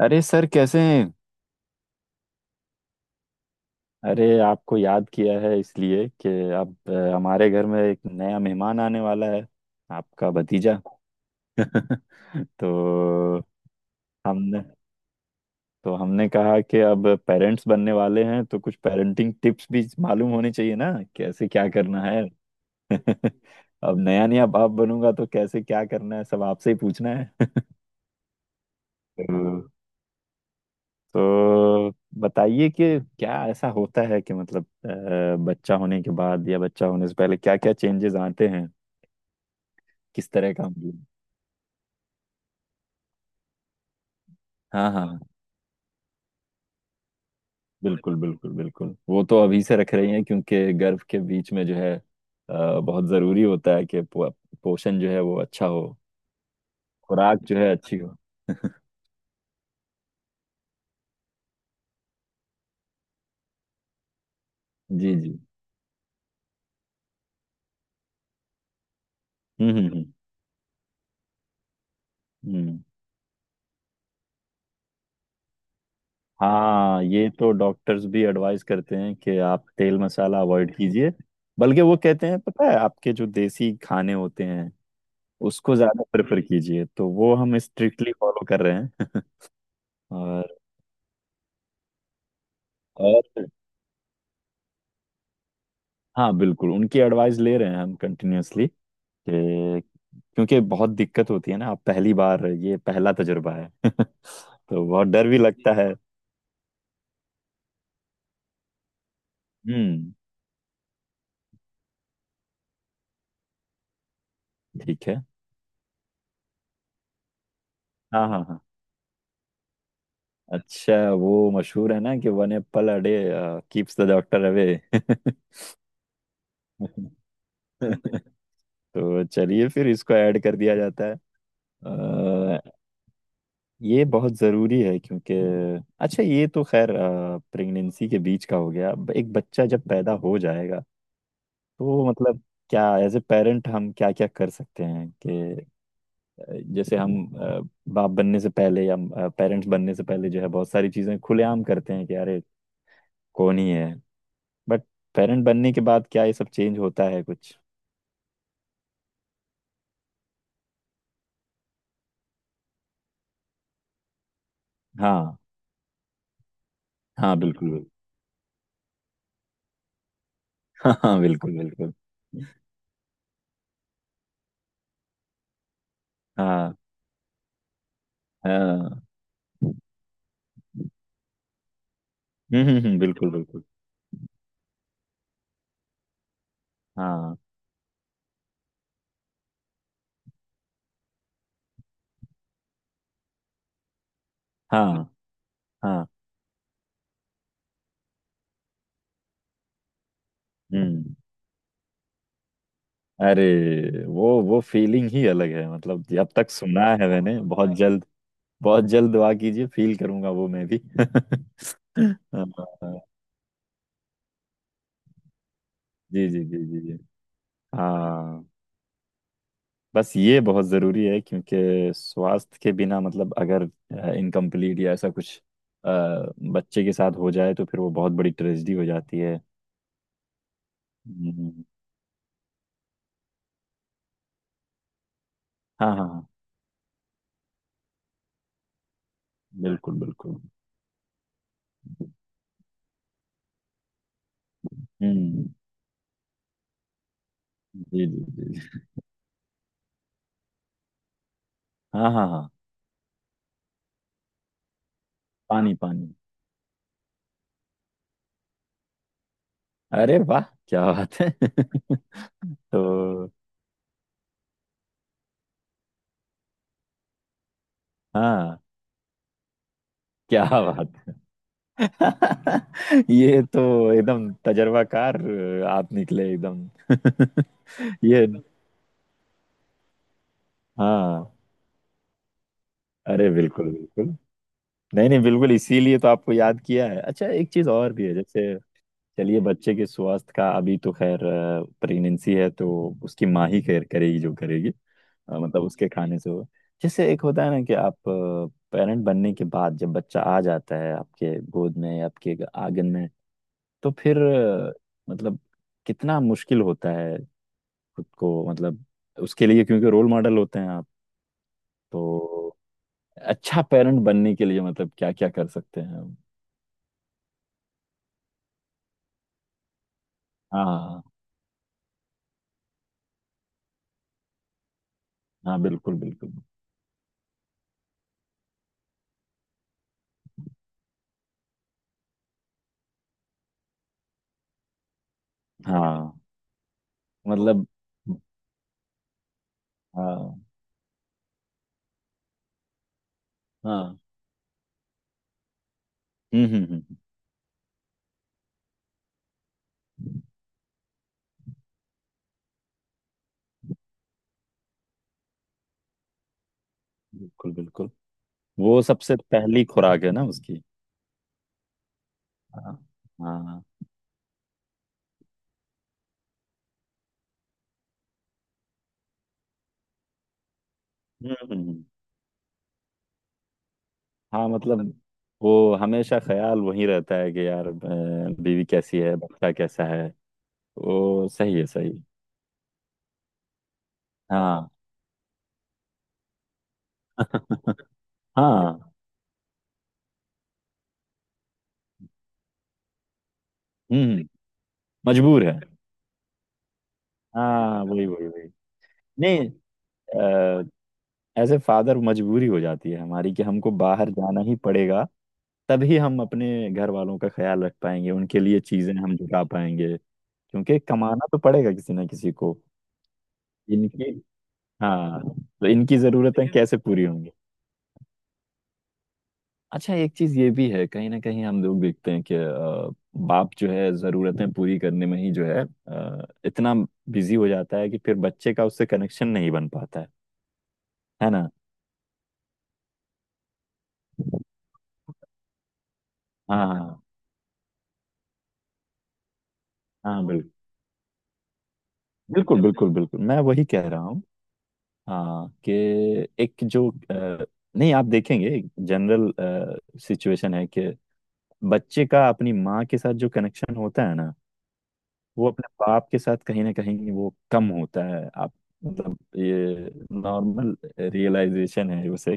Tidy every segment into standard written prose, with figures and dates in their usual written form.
अरे सर, कैसे हैं। अरे, आपको याद किया है इसलिए कि अब हमारे घर में एक नया मेहमान आने वाला है। आपका भतीजा। तो हमने। तो हमने कहा कि अब पेरेंट्स बनने वाले हैं तो कुछ पेरेंटिंग टिप्स भी मालूम होनी चाहिए ना, कैसे क्या करना है। अब नया नया बाप बनूंगा तो कैसे क्या करना है, सब आपसे ही पूछना है। तो तो बताइए कि क्या ऐसा होता है कि मतलब बच्चा होने के बाद या बच्चा होने से पहले क्या क्या चेंजेस आते हैं। किस तरह का मतलब। हाँ, हाँ, हाँ, बिल्कुल, बिल्कुल, बिल्कुल। वो तो अभी से रख रही हैं क्योंकि गर्भ के बीच में जो है बहुत ज़रूरी होता है कि पोषण जो है वो अच्छा हो। खुराक जो है अच्छी हो। जी, जी। हम्म, हम्म, हम्म, हाँ, ये तो डॉक्टर्स भी एडवाइस करते हैं कि आप तेल मसाला अवॉइड कीजिए। बल्कि वो कहते हैं, पता है, आपके जो देसी खाने होते हैं उसको ज्यादा प्रेफर कीजिए, तो वो हम स्ट्रिक्टली फॉलो कर रहे हैं। और और हाँ, बिल्कुल उनकी एडवाइस ले रहे हैं हम कंटिन्यूअसली। क्योंकि बहुत दिक्कत होती है ना, आप पहली बार, ये पहला तजुर्बा है, तो बहुत डर भी लगता है। हम्म। ठीक है। हाँ, हाँ, हाँ। अच्छा। वो मशहूर है ना कि "one apple a day keeps the doctor away". तो चलिए, फिर इसको ऐड कर दिया जाता है। अ, ये बहुत ज़रूरी है क्योंकि अच्छा, ये तो खैर प्रेगनेंसी के बीच का हो गया, अब एक बच्चा जब पैदा हो जाएगा तो मतलब क्या एज ए पेरेंट हम क्या क्या कर सकते हैं कि अ, जैसे हम बाप बनने से पहले या पेरेंट्स बनने से पहले जो है बहुत सारी चीज़ें खुलेआम करते हैं कि अरे, कौन ही है, बट पेरेंट बनने के बाद क्या ये सब चेंज होता है कुछ? हाँ, हाँ, बिल्कुल, बिल्कुल। हाँ, हाँ, बिल्कुल, बिल्कुल। हाँ, हाँ। हम्म, हम्म, बिल्कुल, बिल्कुल। हाँ, हाँ, हाँ। हम्म। अरे, वो फीलिंग ही अलग है, मतलब जब तक सुना है मैंने, बहुत जल्द। बहुत जल्द दुआ कीजिए, फील करूंगा वो मैं भी। हाँ। जी, जी, जी, जी, जी। हाँ। बस ये बहुत ज़रूरी है क्योंकि स्वास्थ्य के बिना, मतलब अगर इनकम्प्लीट या ऐसा कुछ अ, बच्चे के साथ हो जाए, तो फिर वो बहुत बड़ी ट्रेजेडी हो जाती है। हम्म। हाँ, हाँ, हाँ, बिल्कुल, बिल्कुल। हम्म। जी, जी, जी, जी। हाँ, हाँ, हाँ। पानी, पानी। अरे वाह, क्या बात है। तो। हाँ। क्या बात है। ये तो एकदम तजर्बाकार आप निकले एकदम। ये। हाँ। अरे, बिल्कुल, बिल्कुल। नहीं, नहीं, बिल्कुल, इसीलिए तो आपको याद किया है। अच्छा, एक चीज और भी है जैसे चलिए बच्चे के स्वास्थ्य का अभी तो खैर, प्रेगनेंसी है तो उसकी माँ ही खैर करेगी जो करेगी। मतलब उसके खाने से होगा। जैसे एक होता है ना कि आप पेरेंट बनने के बाद जब बच्चा आ जाता है आपके गोद में या आपके आंगन में, तो फिर मतलब कितना मुश्किल होता है, खुद को मतलब उसके लिए, क्योंकि रोल मॉडल होते हैं आप। तो अच्छा पेरेंट बनने के लिए मतलब क्या क्या कर सकते हैं हम? हाँ, हाँ, बिल्कुल, बिल्कुल। हाँ, मतलब हाँ, हाँ। हम्म, हम्म, हम्म, बिल्कुल, बिल्कुल। वो सबसे पहली खुराक है ना उसकी। हाँ, हाँ। हम्म, हाँ, मतलब वो हमेशा ख्याल वही रहता है कि यार, बीवी कैसी है, बच्चा कैसा है। वो सही है, सही है। हाँ, हाँ। हम्म, मजबूर है। हाँ, वही, वही, वही। नहीं, एज ए फादर मजबूरी हो जाती है हमारी कि हमको बाहर जाना ही पड़ेगा। तभी हम अपने घर वालों का ख्याल रख पाएंगे, उनके लिए चीजें हम जुटा पाएंगे। क्योंकि कमाना तो पड़ेगा किसी ना किसी को। इनकी हाँ, तो इनकी जरूरतें कैसे पूरी होंगी। अच्छा, एक चीज ये भी है, कहीं ना कहीं हम लोग देखते हैं कि बाप जो है जरूरतें पूरी करने में ही जो है इतना बिजी हो जाता है कि फिर बच्चे का उससे कनेक्शन नहीं बन पाता है ना? हाँ, हाँ, हाँ, बिल्कुल, बिल्कुल, बिल्कुल, बिल्कुल, मैं वही कह रहा हूँ। हाँ, कि एक जो नहीं, आप देखेंगे जनरल सिचुएशन है कि बच्चे का अपनी माँ के साथ जो कनेक्शन होता है ना, वो अपने बाप के साथ कहीं ना कहीं वो कम होता है। आप मतलब ये नॉर्मल रियलाइजेशन है उसे,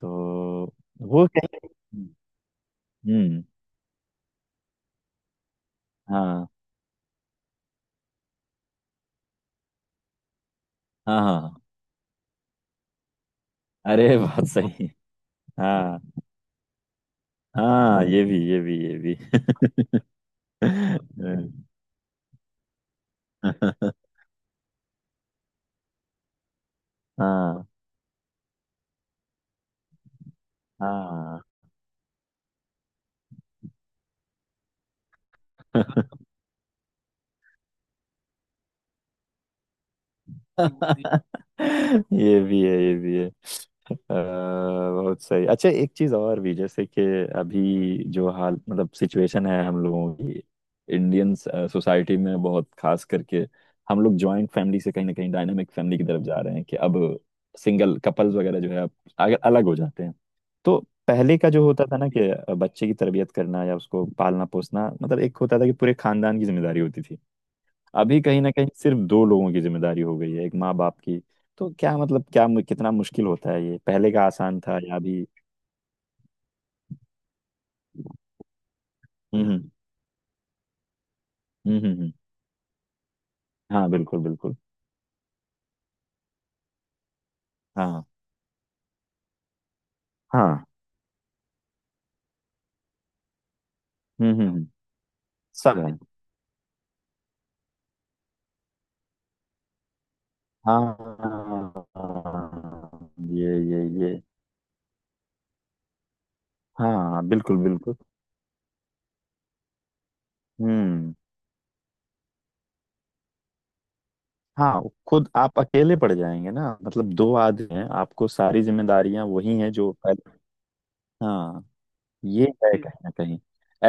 तो वो कहीं। हम्म। हाँ, हाँ, हाँ। अरे, बात सही। हाँ, हाँ, ये भी, ये भी, ये भी। हाँ, हाँ। ये भी है, ये भी है, बहुत सही। अच्छा, एक चीज और भी जैसे कि अभी जो हाल, मतलब सिचुएशन है हम लोगों की, इंडियन सोसाइटी में बहुत खास करके, हम लोग जॉइंट फैमिली से कहीं ना कहीं डायनामिक फैमिली की तरफ जा रहे हैं कि अब सिंगल कपल्स वगैरह जो है अब अलग हो जाते हैं। तो पहले का जो होता था ना कि बच्चे की तरबियत करना या उसको पालना पोसना, मतलब एक होता था कि पूरे खानदान की जिम्मेदारी होती थी। अभी कहीं ना कहीं सिर्फ दो लोगों की जिम्मेदारी हो गई है, एक माँ बाप की। तो क्या मतलब, कितना मुश्किल होता है ये, पहले का आसान था या अभी? हम्म, हम्म, हम्म, हाँ, बिल्कुल, बिल्कुल। हाँ, हाँ। हम्म, हम्म, सब है। हाँ, ये, ये, ये। हाँ, बिल्कुल, बिल्कुल। हम्म। हाँ, खुद आप अकेले पड़ जाएंगे ना, मतलब दो आदमी हैं, आपको सारी जिम्मेदारियां वही हैं जो पहले। हाँ, ये है कहीं ना कहीं,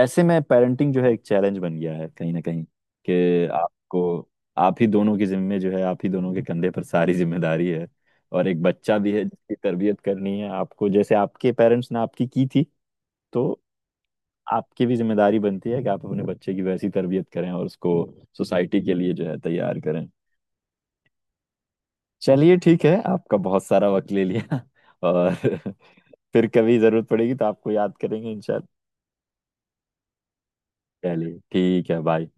ऐसे में पेरेंटिंग जो है एक चैलेंज बन गया है कहीं ना कहीं कि आपको, आप ही दोनों की जिम्मे जो है, आप ही दोनों के कंधे पर सारी जिम्मेदारी है। और एक बच्चा भी है जिसकी तरबियत करनी है आपको, जैसे आपके पेरेंट्स ने आपकी की थी। तो आपकी भी जिम्मेदारी बनती है कि आप अपने बच्चे की वैसी तरबियत करें और उसको सोसाइटी के लिए जो है तैयार करें। चलिए, ठीक है, आपका बहुत सारा वक्त ले लिया। और फिर कभी जरूरत पड़ेगी तो आपको याद करेंगे, इंशाल्लाह। चलिए ठीक है, बाय।